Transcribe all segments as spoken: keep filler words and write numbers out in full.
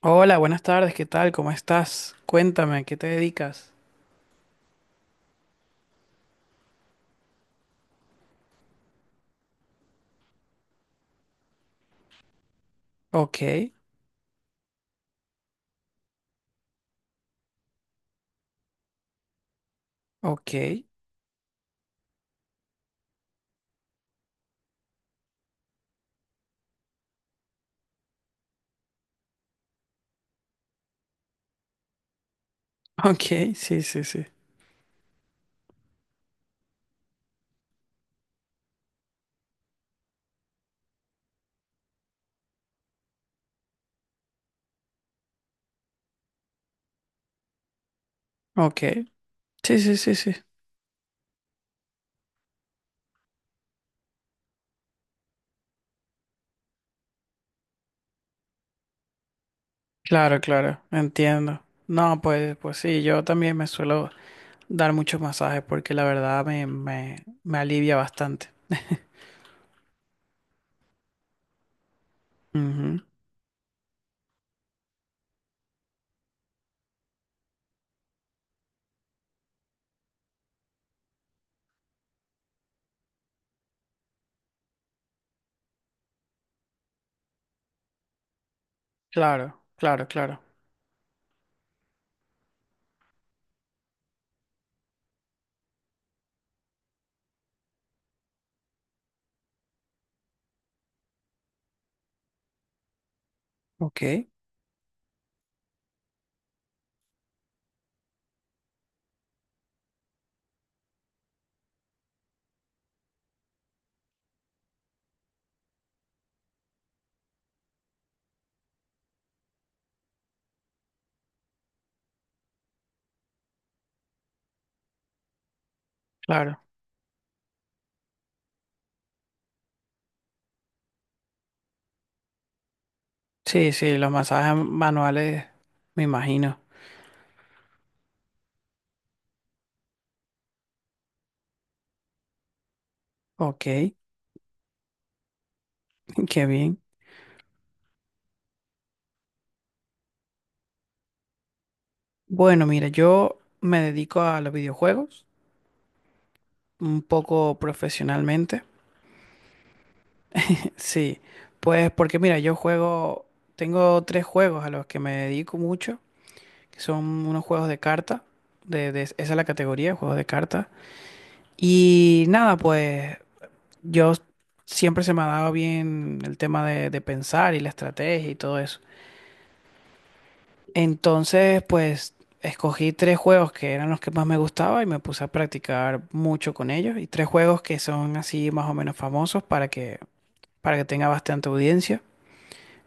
Hola, buenas tardes, ¿qué tal? ¿Cómo estás? Cuéntame, ¿a qué te dedicas? Ok, ok, ok, sí, sí, sí, ok, sí, sí, sí, sí, claro, claro, entiendo. No, pues, pues sí, yo también me suelo dar muchos masajes porque la verdad me, me, me alivia bastante. Ujú, claro, claro, claro, ok, claro, sí, sí, los masajes manuales, me imagino, ok, qué bien. Bueno, mira, yo me dedico a los videojuegos, un poco profesionalmente. Sí, pues porque mira, yo juego, tengo tres juegos a los que me dedico mucho, que son unos juegos de carta, de, de- esa es la categoría, juegos de carta. Y nada, pues yo siempre se me ha dado bien el tema de, de pensar y la estrategia y todo eso. Entonces, pues escogí tres juegos que eran los que más me gustaba y me puse a practicar mucho con ellos. Y tres juegos que son así más o menos famosos para que para que tenga bastante audiencia.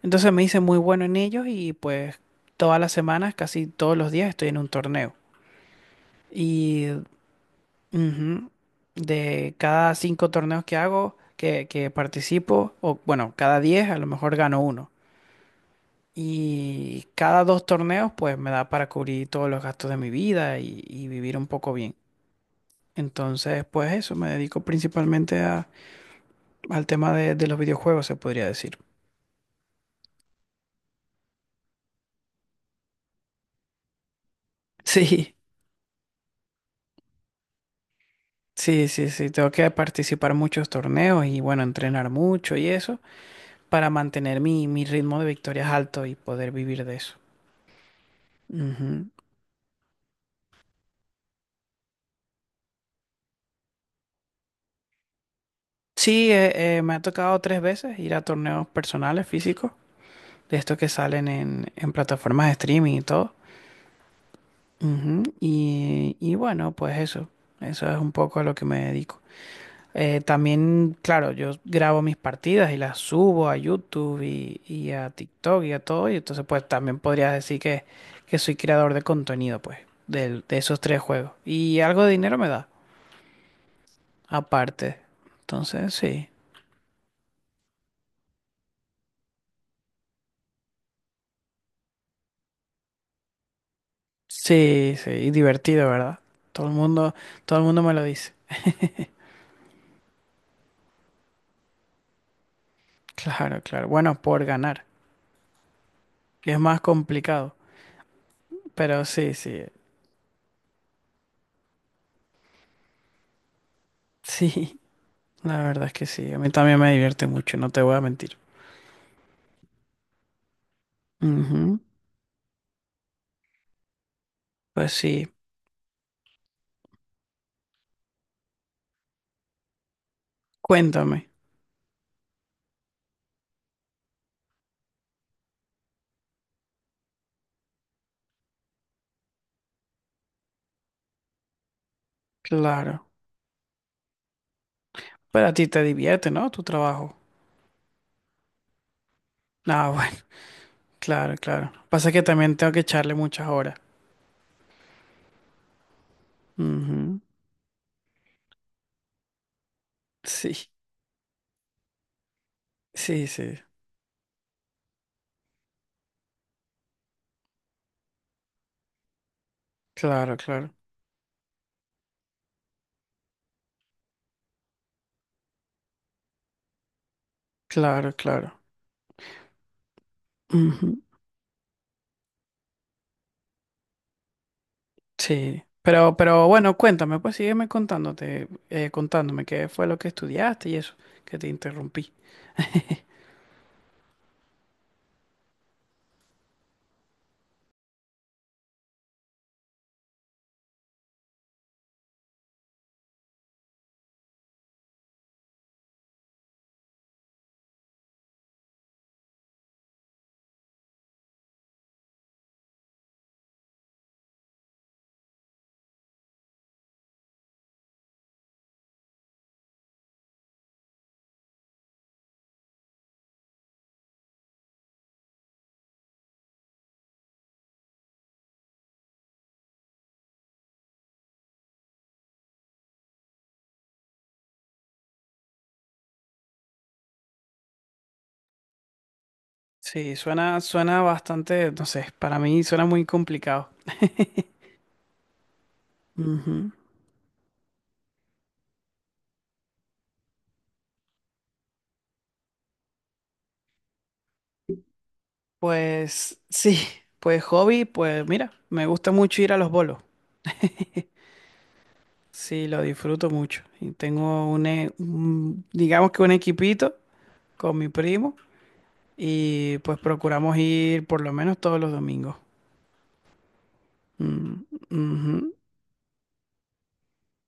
Entonces me hice muy bueno en ellos y pues todas las semanas, casi todos los días estoy en un torneo. Y ujú, de cada cinco torneos que hago, que, que participo, o bueno, cada diez a lo mejor gano uno. Y cada dos torneos pues me da para cubrir todos los gastos de mi vida y, y vivir un poco bien. Entonces pues eso, me dedico principalmente a- al tema de de los videojuegos, se podría decir. Sí. Sí, sí, sí, tengo que participar en muchos torneos y bueno, entrenar mucho y eso para mantener mi, mi ritmo de victorias alto y poder vivir de eso. Ujú. Sí, eh, eh, me ha tocado tres veces ir a torneos personales físicos, de estos que salen en, en plataformas de streaming y todo. Ujú. Y, y bueno, pues eso, eso es un poco a lo que me dedico. Eh, también, claro, yo grabo mis partidas y las subo a YouTube y, y a TikTok y a todo, y entonces pues también podrías decir que, que soy creador de contenido, pues, del- de, esos tres juegos. Y algo de dinero me da, aparte. Entonces, sí, sí, sí, y divertido, ¿verdad? Todo el mundo, todo el mundo me lo dice. Claro, claro. Bueno, por ganar, que es más complicado, pero sí, sí, sí, la verdad es que sí, a mí también me divierte mucho, no te voy a mentir. Ujú. Pues sí. Cuéntame, claro. Pero a ti te divierte, ¿no? Tu trabajo. Ah, bueno, claro, claro. Pasa que también tengo que echarle muchas horas. Ujú. Sí, sí, sí. Claro, claro. Claro, claro. Ujú. Sí. Pero, pero bueno, cuéntame, pues sígueme contándote, eh, contándome qué fue lo que estudiaste y eso, que te interrumpí. Sí, suena, suena bastante, no sé, para mí suena muy complicado. Ujú. Pues sí, pues hobby, pues mira, me gusta mucho ir a los bolos. Sí, lo disfruto mucho. Y tengo un, e- un- digamos que un equipito con mi primo y pues procuramos ir por lo menos todos los domingos. Mm, ujú.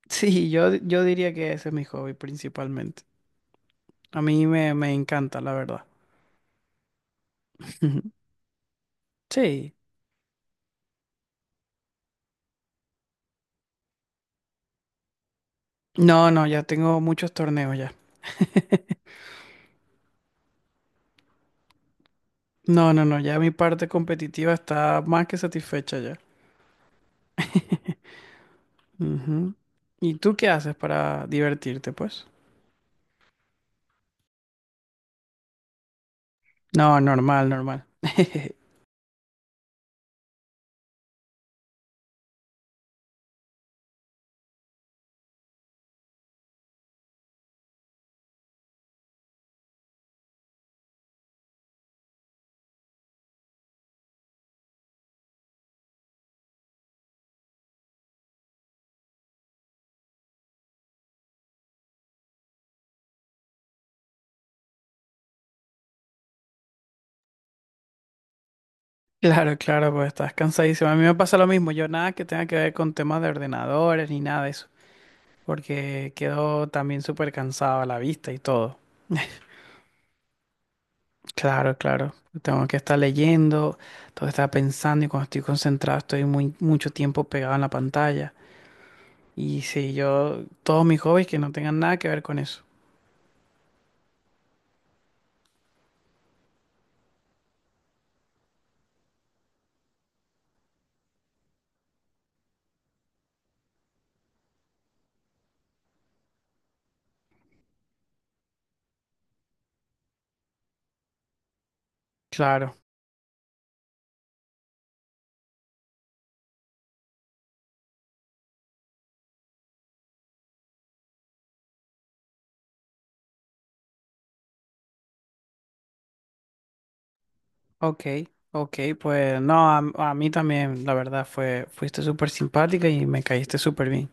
Sí, yo, yo diría que ese es mi hobby principalmente. A mí me, me encanta, la verdad. Sí. No, no, ya tengo muchos torneos ya. No, no, no, ya mi parte competitiva está más que satisfecha ya. Ujú. ¿Y tú qué haces para divertirte, pues? No, normal, normal. Claro, claro, pues estás cansadísimo. A mí me pasa lo mismo. Yo nada que tenga que ver con temas de ordenadores ni nada de eso, porque quedo también súper cansado a la vista y todo. Claro, claro. Tengo que estar leyendo, tengo que estar pensando y cuando estoy concentrado estoy muy mucho tiempo pegado en la pantalla. Y sí, yo todos mis hobbies que no tengan nada que ver con eso. Claro. Ok, ok, pues no, a, a mí también la verdad fue fuiste súper simpática y me caíste súper bien.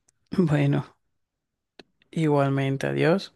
Bueno, igualmente, adiós.